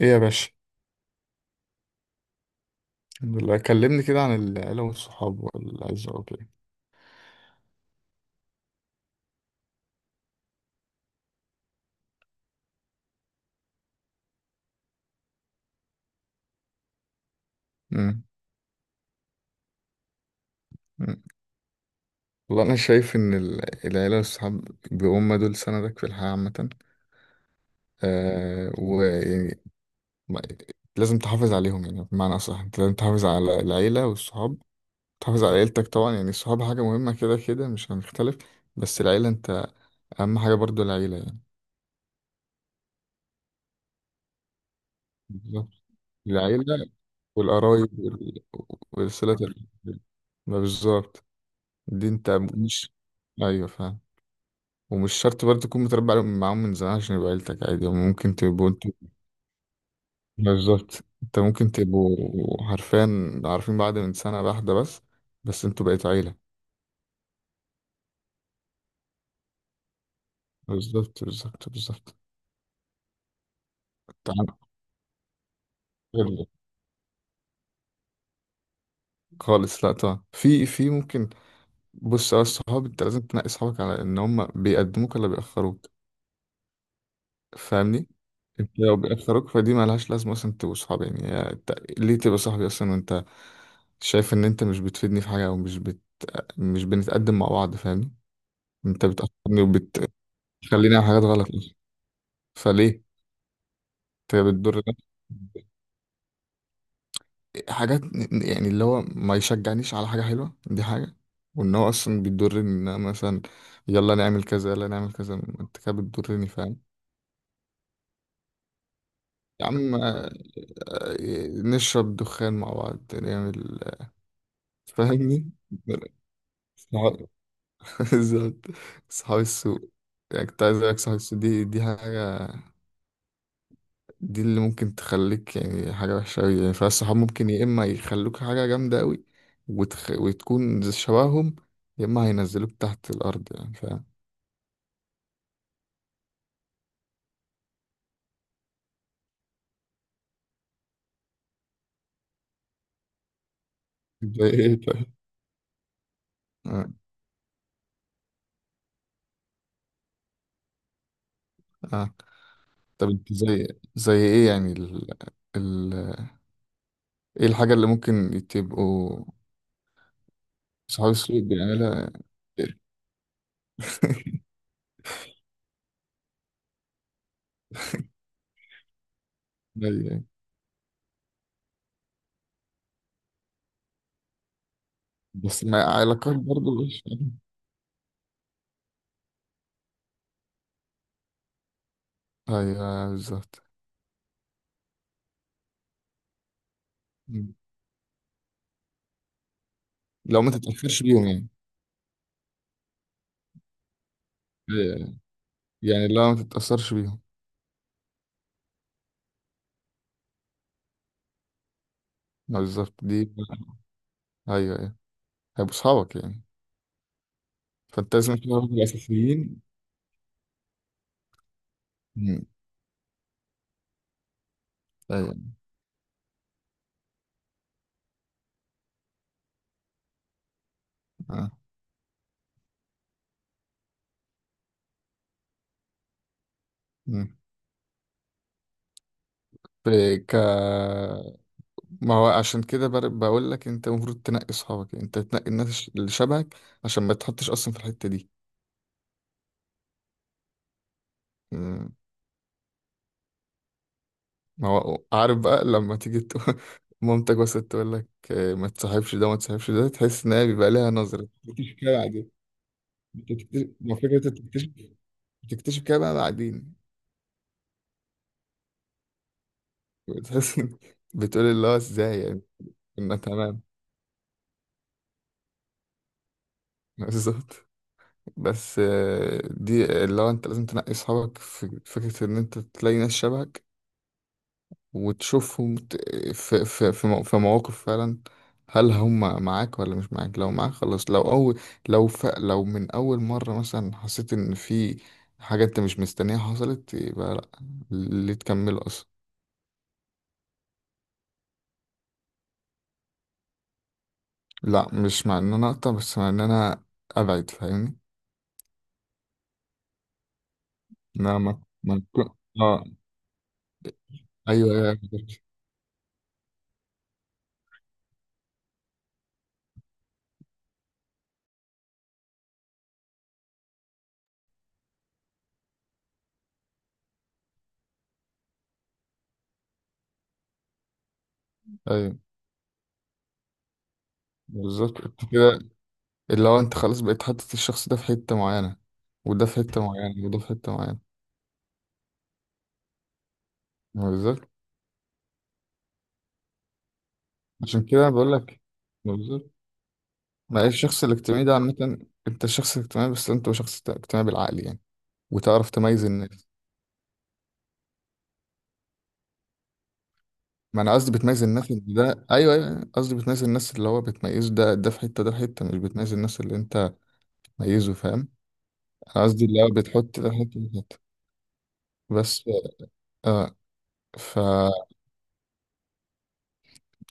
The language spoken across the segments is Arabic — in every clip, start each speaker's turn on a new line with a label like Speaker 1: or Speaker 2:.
Speaker 1: ايه يا باشا. الحمد لله. كلمني كده عن العيلة والصحاب والعزة وكده. امم أمم. والله انا شايف ان العيلة والصحاب، بيهم دول سندك في الحياة عامة. ويعني ما- لازم تحافظ عليهم، يعني بمعنى اصح انت لازم تحافظ على العيلة والصحاب، تحافظ على عيلتك طبعا. يعني الصحاب حاجة مهمة كده كده، مش هنختلف، بس العيلة انت اهم حاجة برضو العيلة يعني. بالظبط. العيلة والقرايب وصلة الرحم. ما بالظبط. دي انت مش... ايوه فاهم. ومش شرط برضه تكون معاهم من زمان عشان يبقى عيلتك، عادي هم ممكن تبقوا انتوا بالظبط، انت ممكن تبقوا حرفيا عارفين بعض من سنة واحدة بس، بس انتوا بقيتوا عيلة. بالظبط بالظبط بالظبط. انت عندك خبرة. خالص، لا طبعا، في ممكن. بص يا الصحاب، انت لازم تنقي صحابك على ان هم بيقدموك ولا بيأخروك. فاهمني. انت لو بيأثروك فدي ملهاش لازمة اصلا تبقوا صحاب، يعني يا انت ليه تبقى صاحبي اصلا وانت شايف ان انت مش بتفيدني في حاجة او مش مش بنتقدم مع بعض. فاهمني. انت بتأثرني وبتخليني اعمل حاجات غلط اصلا، فليه انت بتضر نفسك. حاجات، يعني اللي هو ما يشجعنيش على حاجة حلوة، دي حاجة. وان هو اصلا بيضرني، ان انا مثلا يلا نعمل كذا يلا نعمل كذا، انت كده بتضرني، فاهم؟ يا عم نشرب دخان مع بعض نعمل. فاهمني. صحاب- بالظبط. صحاب السوق. يعني كنت عايز اقولك صحاب السوق، دي حاجة، دي اللي ممكن تخليك يعني حاجة وحشة أوي يعني. فالصحاب ممكن يا إما يخلوك حاجة جامدة أوي وتخ... وتكون زي شبههم، يا إما هينزلوك تحت الأرض، يعني فاهم؟ زي إيه طيب؟ آه. آه. طب أنت زي زي إيه يعني... ال... ال... إيه الحاجة اللي ممكن تبقوا صحاب السوق بيعملها؟ أيوة. بس ما علاقات برضه مش... أيوه بالظبط. لو ما تتأثرش بيهم يعني. أيوة. أيوة. يعني لو ما تتأثرش بيهم. بالظبط دي. أيوه أيوه. هيبقوا أصحابك يعني. فأنت لازم تعرف الأساسيين. مم. أيوه. آه. مم. في ك... ما هو عشان كده بقول لك أنت المفروض تنقي أصحابك، يعني أنت تنقي الناس اللي شبهك عشان ما تحطش أصلا في الحتة دي. مم. ما هو عارف بقى لما تيجي تقول مامتك بس تقول لك ما تصاحبش ده ما تصاحبش ده، تحس إن هي بيبقى ليها نظرة، مفيش كده عادي. ما فكرة انت بتكتشف، بتكتشف كده بقى بعدين. بتحس إن... بتقول اللي هو ازاي يعني كنا تمام. بالظبط. بس دي اللي هو انت لازم تنقي اصحابك، في فكرة ان انت تلاقي ناس شبهك وتشوفهم في في مواقف فعلا، هل هم معاك ولا مش معاك؟ لو معاك خلاص. لو اول، لو من اول مرة مثلا حسيت ان في حاجة انت مش مستنيها حصلت، يبقى لا، ليه تكمل اصلا. لا مش مع ان انا اقطع، بس مع ان انا ابعد. فاهمني. نعم. ما ما تكون... اه. ايوه ايوه. ايوه بالظبط. انت كده اللي هو انت خلاص بقيت حاطط الشخص ده في حتة معينة، وده في حتة معينة، وده في حتة معينة. ما بالظبط. عشان كده بقول لك. ما بالظبط. ما هي الشخص الاجتماعي ده عامة، انت شخص اجتماعي، بس انت شخص اجتماعي بالعقل يعني، وتعرف تميز الناس. ما انا قصدي بتميز الناس اللي ده، ايوه ايوه أيوة. قصدي بتميز الناس اللي هو بتميز، ده في حتة ده في حتة، مش بتميز الناس اللي انت ميزه. فاهم. انا قصدي اللي هو بتحط ده في حتة ده في حتة، بس. اه. ف.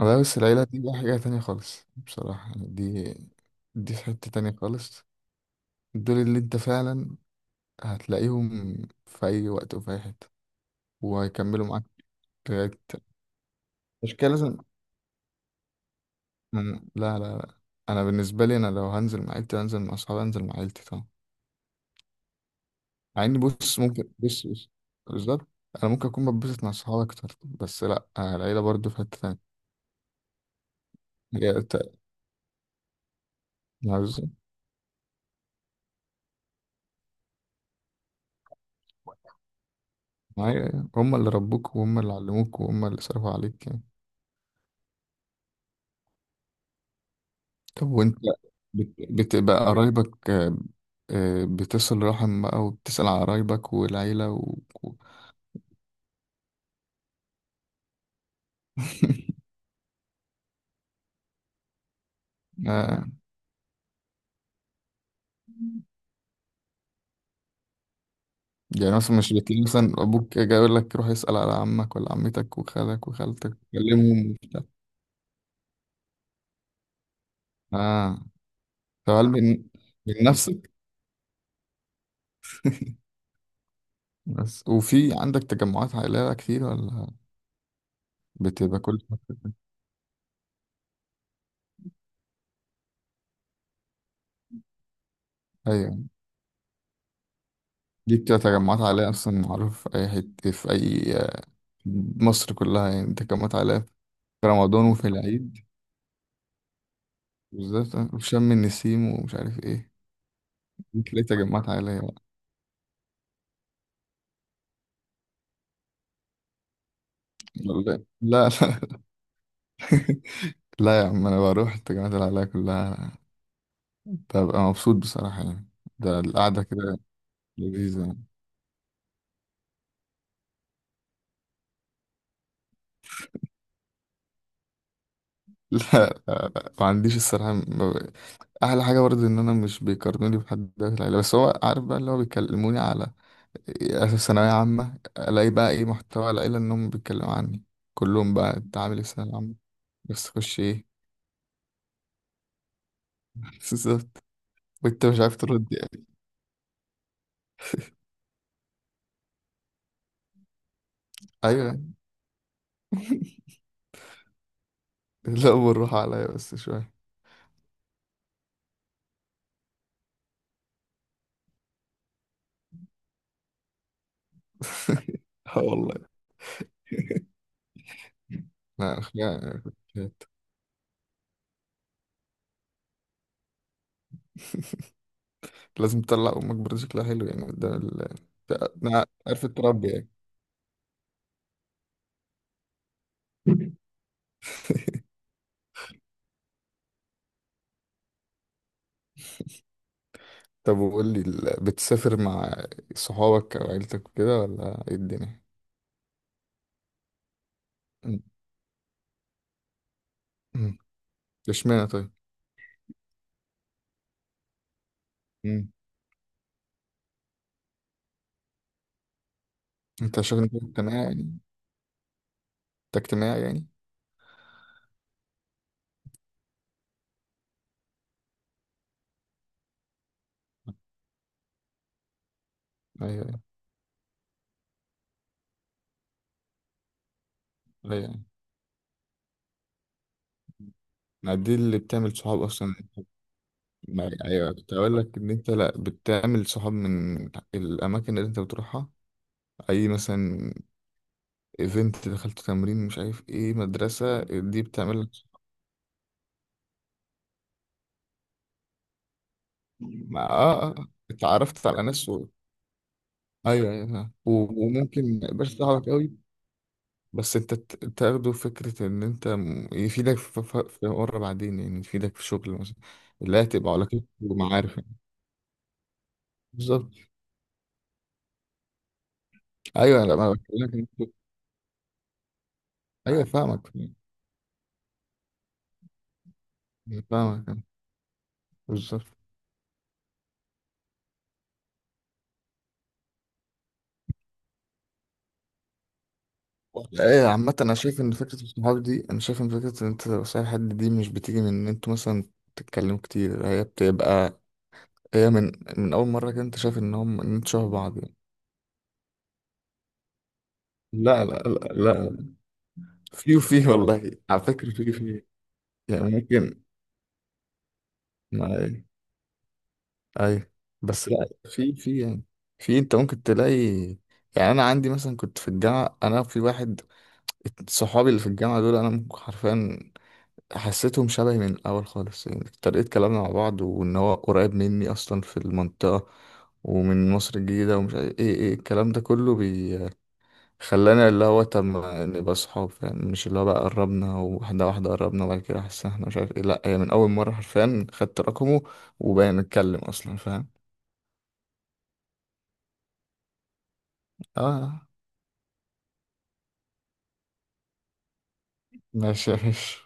Speaker 1: لا بس العيلة دي بقى حاجة تانية خالص بصراحة يعني، دي في حتة تانية خالص. دول اللي انت فعلا هتلاقيهم في أي وقت وفي أي حتة، وهيكملوا معاك لغاية. مش كده لازم. لا لا لا. أنا بالنسبة لي أنا لو هنزل مع عيلتي، هنزل مع أصحابي هنزل مع عيلتي طبعا. مع إني بص ممكن، بص بص بالظبط. أنا ممكن أكون بتبسط مع أصحابي أكتر، بس لا، العيلة برضو في حتة تانية. هي ت- معايا هم اللي ربوك وهم اللي علموك وهم اللي صرفوا عليك. طب وانت بتبقى قرايبك، بتصل رحم بقى وبتسأل على قرايبك والعيلة و- آه. يعني مثلا مش بتلاقي مثلا أبوك جاي يقول لك روح اسأل على عمك ولا عمتك وخالك وخالتك كلمهم وبتاع. آه. طب هل من من نفسك؟ بس وفي عندك تجمعات عائلية كتير، ولا بتبقى كل فترة كده؟ أيوة. دي بتبقى تجمعات عائلية، أصلا معروف في أي حتة في أي مصر كلها يعني تجمعات عائلية. في رمضان وفي العيد بالذات، في شم النسيم ومش عارف ايه، تلاقي تجمعات عائلية بقى. لا لا لا. لا يا عم انا بروح التجمعات العائلية كلها، ببقى مبسوط بصراحة يعني. ده القعدة كده لذيذة يعني. لا ما عنديش الصراحة ما ب- أحلى حاجة برضه إن أنا مش بيقارنوني بحد ده في العيلة. بس هو عارف بقى اللي هو بيكلموني على أساس ثانوية عامة، ألاقي بقى إيه محتوى العيلة إنهم بيتكلموا عني كلهم بقى، أنت عامل إيه في الثانوية العامة، بس تخش إيه؟ بالظبط. وأنت مش عارف ترد. ايوه. لا بالراحه عليا بس شويه. اه والله. لا أخويا كنت... لازم تطلع امك برضه شكلها حلو يعني قدام ال... أنا عارف تربي يعني. طب وقول لي بتسافر مع صحابك او عيلتك وكده، ولا ايه الدنيا؟ م- م. اشمعنى طيب. م. انت عشان انت اجتماعي يعني. انت اجتماعي يعني. ايوه ايوه أيوة. يعني دي اللي بتعمل صحاب اصلا. ما ايوه، كنت اقول لك ان انت لا بتعمل صحاب من الاماكن اللي انت بتروحها. اي مثلا ايفنت، دخلت تمرين، مش عارف ايه، مدرسه، دي بتعمل لك صحاب. ما اه، اتعرفت على ناس ايوه ايوه فاهم. وممكن ما يبقاش صاحبك قوي، بس انت تاخده فكره ان انت يفيدك في مره بعدين، يعني يفيدك في شغل مثلا، اللي هي تبقى علاقتك ومعارف يعني. بالظبط. ايوه لا ما بكلمك إن ايوه فاهمك. فاهمك. بالظبط. ايه. عامة انا شايف ان فكرة الصحاب دي، انا شايف ان فكرة ان انت تبقى صاحب حد دي، مش بتيجي من ان انتوا مثلا تتكلموا كتير، هي بتبقى هي من من اول مرة كده انت شايف ان هم ان انتوا شبه بعض يعني. لا لا لا لا. في وفي، والله على فكرة في وفي. يعني ممكن. ما ايه. ايوه. بس لا في يعني، في انت ممكن تلاقي، يعني انا عندي مثلا كنت في الجامعة، انا في واحد صحابي اللي في الجامعة دول، انا ممكن حرفيا حسيتهم شبهي من الأول خالص، يعني طريقة كلامنا مع بعض، وإن هو قريب مني أصلا في المنطقة ومن مصر الجديدة ومش عارف إيه، إيه الكلام ده كله بيخلانا اللي هو طب ما نبقى صحاب يعني. مش اللي هو بقى قربنا، واحدة واحدة قربنا وبعد كده حسنا إحنا مش عارف إيه، لأ هي من أول مرة حرفيا خدت رقمه وبقينا نتكلم أصلا. فاهم؟ آه. ماشي ماشي.